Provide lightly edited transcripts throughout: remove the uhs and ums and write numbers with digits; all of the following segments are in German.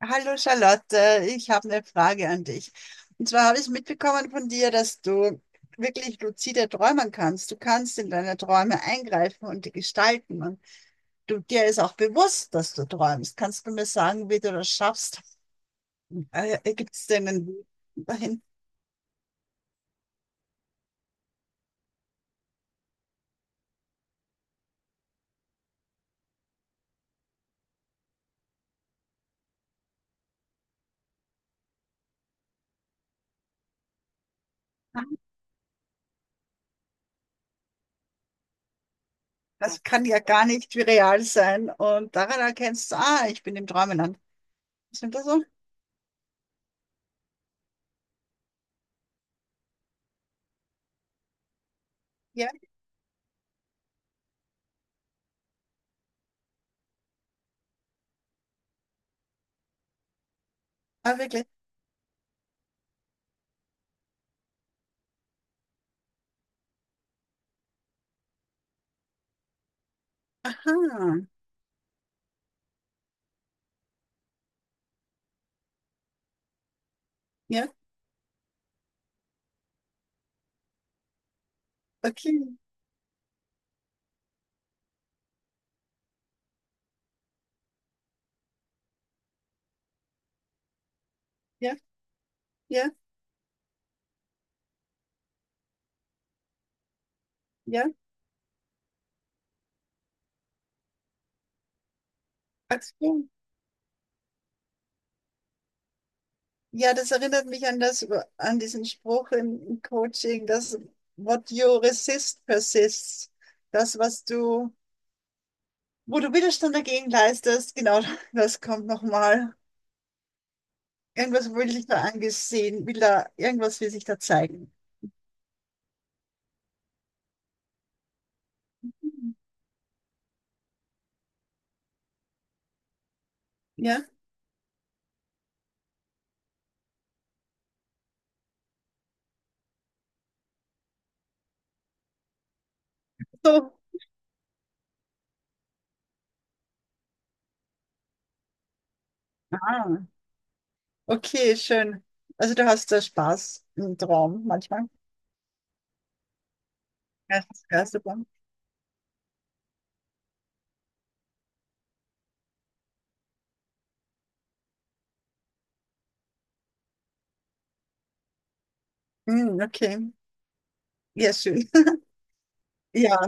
Hallo Charlotte, ich habe eine Frage an dich. Und zwar habe ich mitbekommen von dir, dass du wirklich luzide träumen kannst. Du kannst in deine Träume eingreifen und die gestalten. Und du, dir ist auch bewusst, dass du träumst. Kannst du mir sagen, wie du das schaffst? Gibt es denn einen Weg dahin? Das kann ja gar nicht wie real sein. Und daran erkennst du, ah, ich bin im Träumeland. Stimmt das so? Ja, ah, wirklich. Aha, ja, okay. Ja, ja, ja. Ach so. Ja, das erinnert mich an das, an diesen Spruch im Coaching, dass what you resist persists. Das, was du, Wo du Widerstand dagegen leistest, genau, das kommt nochmal. Irgendwas will sich da angesehen, will da, irgendwas will sich da zeigen. Ja, so. Ah, okay, schön. Also du hast da Spaß im Traum manchmal. Geistesgeisterbahn. Mm, okay, ja, schön. Ja,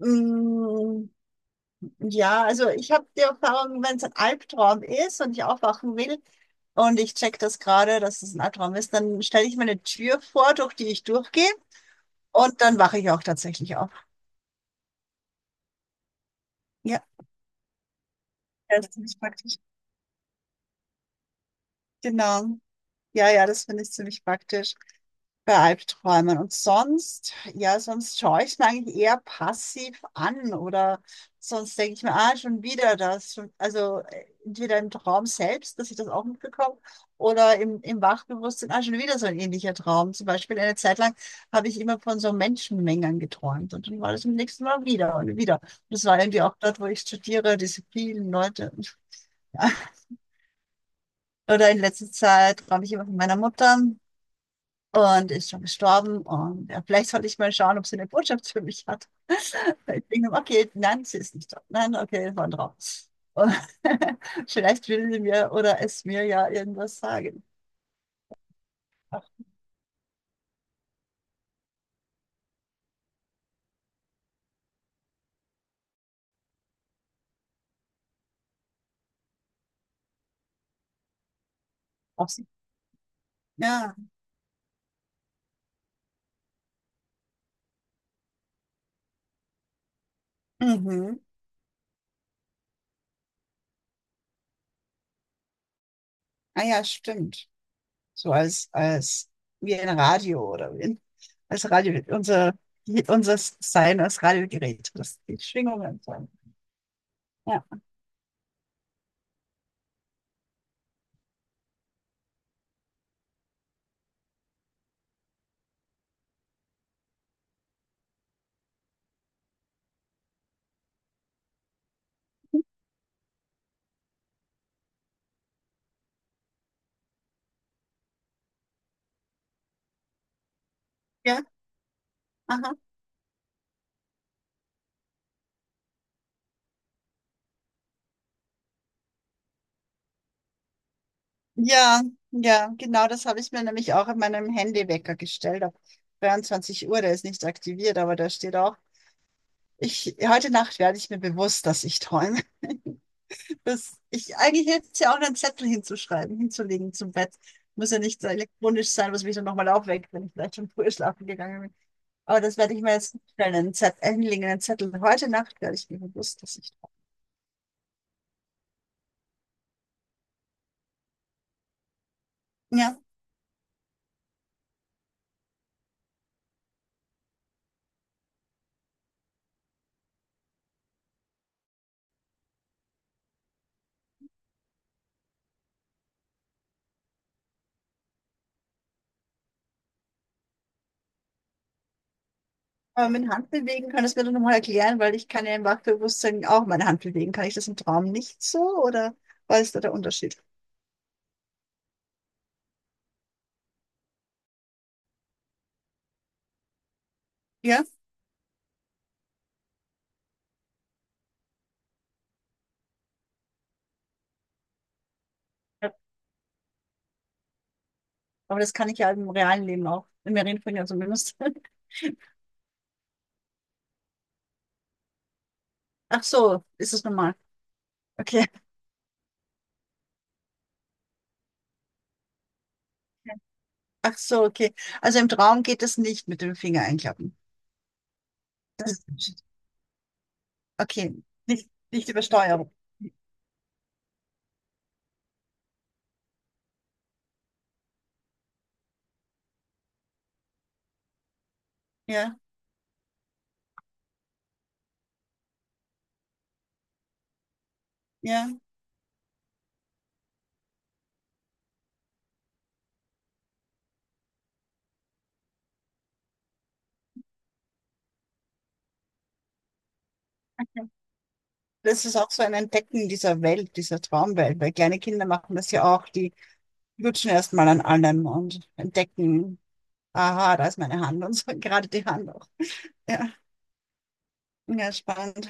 mm. Ja, also ich habe die Erfahrung: wenn es ein Albtraum ist und ich aufwachen will und ich check das gerade, dass es ein Albtraum ist, dann stelle ich mir eine Tür vor, durch die ich durchgehe, und dann wache ich auch tatsächlich auf. Ja, das ist ziemlich praktisch. Genau. Ja, ja, das finde ich ziemlich praktisch. Bei Albträumen. Und sonst, ja, sonst schaue ich es mir eigentlich eher passiv an, oder sonst denke ich mir, ah, schon wieder das. Schon, also entweder im Traum selbst, dass ich das auch mitbekomme, oder im Wachbewusstsein, ah, schon wieder so ein ähnlicher Traum. Zum Beispiel eine Zeit lang habe ich immer von so Menschenmengen geträumt und dann war das im nächsten Mal wieder und wieder. Und das war irgendwie auch dort, wo ich studiere, diese vielen Leute. Ja. Oder in letzter Zeit träume ich immer von meiner Mutter und ist schon gestorben. Und ja, vielleicht sollte ich mal schauen, ob sie eine Botschaft für mich hat. Ich wegen dem, okay, nein, sie ist nicht da. Nein, okay, war ein Traum. Und vielleicht will sie mir oder es mir ja irgendwas sagen. Ach, auf sie. Ja, mhm. Ah ja, stimmt. So als, als wie ein Radio oder wie ein, als Radio, unser, unser Sein als Radiogerät, das die Schwingungen sein. Ja, ja, aha. Ja, ja, genau, das habe ich mir nämlich auch in meinem Handywecker gestellt. Ab 23 Uhr, der ist nicht aktiviert, aber da steht auch, ich, heute Nacht werde ich mir bewusst, dass ich träume. Das, ich, eigentlich hätte es ja auch einen Zettel hinzuschreiben, hinzulegen zum Bett. Muss ja nicht so elektronisch sein, was mich dann nochmal aufweckt, wenn ich vielleicht schon früher schlafen gegangen bin. Aber das werde ich mir jetzt hinstellen, einen Zettel, hinlegen, einen Zettel. Heute Nacht werde ich mir bewusst, dass ich träume. Ja. Aber mit Handbewegen könntest du mir doch nochmal erklären, weil ich kann ja im Wachbewusstsein auch meine Hand bewegen. Kann ich das im Traum nicht so, oder was ist da der Unterschied? Ja? Ja. Aber das kann ich ja im realen Leben auch. Im Reden ja zumindest. Ach so, ist es normal. Okay. Ach so, okay. Also im Traum geht das nicht mit dem Finger einklappen. Das ist der Unterschied. Okay. Nicht, nicht Übersteuerung. Ja, ja. Das ist auch so ein Entdecken dieser Welt, dieser Traumwelt, weil kleine Kinder machen das ja auch, die lutschen erstmal an allem und entdecken. Aha, da ist meine Hand und so, gerade die Hand auch. Ja, ja, spannend.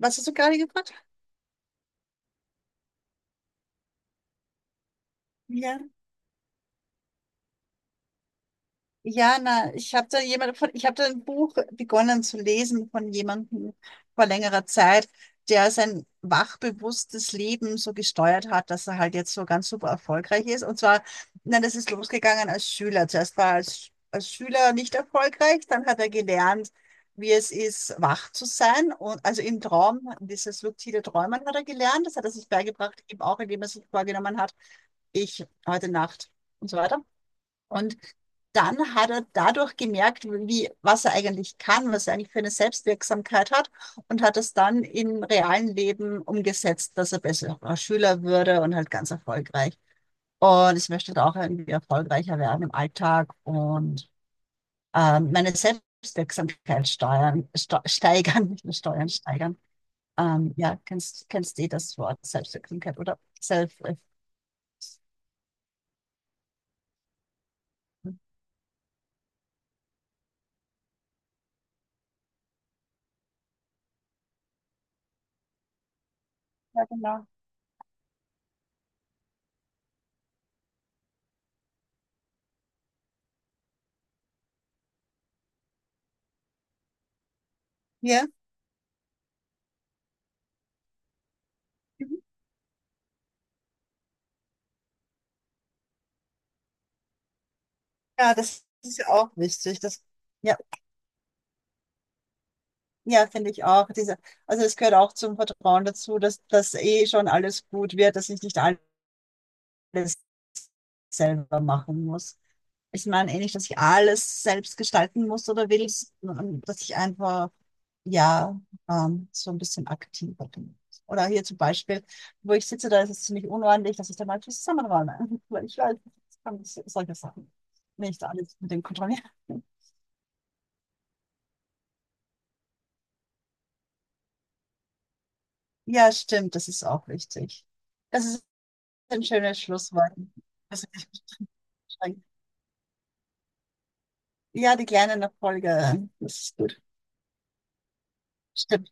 Was hast du gerade gefragt? Ja. Ja, na, ich habe da jemand von, ich habe da ein Buch begonnen zu lesen von jemandem vor längerer Zeit, der sein wachbewusstes Leben so gesteuert hat, dass er halt jetzt so ganz super erfolgreich ist. Und zwar, na, das ist losgegangen als Schüler. Zuerst war er als Schüler nicht erfolgreich, dann hat er gelernt, wie es ist, wach zu sein. Und also im Traum, dieses luzide Träumen hat er gelernt. Das hat er sich beigebracht, eben auch, indem er sich vorgenommen hat, ich heute Nacht und so weiter. Und dann hat er dadurch gemerkt, wie, was er eigentlich kann, was er eigentlich für eine Selbstwirksamkeit hat, und hat es dann im realen Leben umgesetzt, dass er besserer Schüler würde und halt ganz erfolgreich. Und ich möchte da auch irgendwie erfolgreicher werden im Alltag und meine Selbstwirksamkeit steuern, steigern, nicht nur steuern, steigern. Ja, kennst du eh das Wort Selbstwirksamkeit oder Self? Ja, genau. Ja, mhm. Ja, das ist ja auch wichtig. Das, ja. Ja, finde ich auch. Diese, also es gehört auch zum Vertrauen dazu, dass das eh schon alles gut wird, dass ich nicht alles selber machen muss. Ich meine eh nicht, dass ich alles selbst gestalten muss oder will, sondern dass ich einfach, ja, so ein bisschen aktiver bin. Oder hier zum Beispiel, wo ich sitze, da ist es ziemlich unordentlich, dass ich da mal zusammenräume. Weil ich weiß, ich kann solche Sachen nicht alles mit dem kontrollieren. Ja, stimmt, das ist auch wichtig. Das ist ein schönes Schlusswort. Ja, die kleinen Erfolge, das ist gut. Stimmt.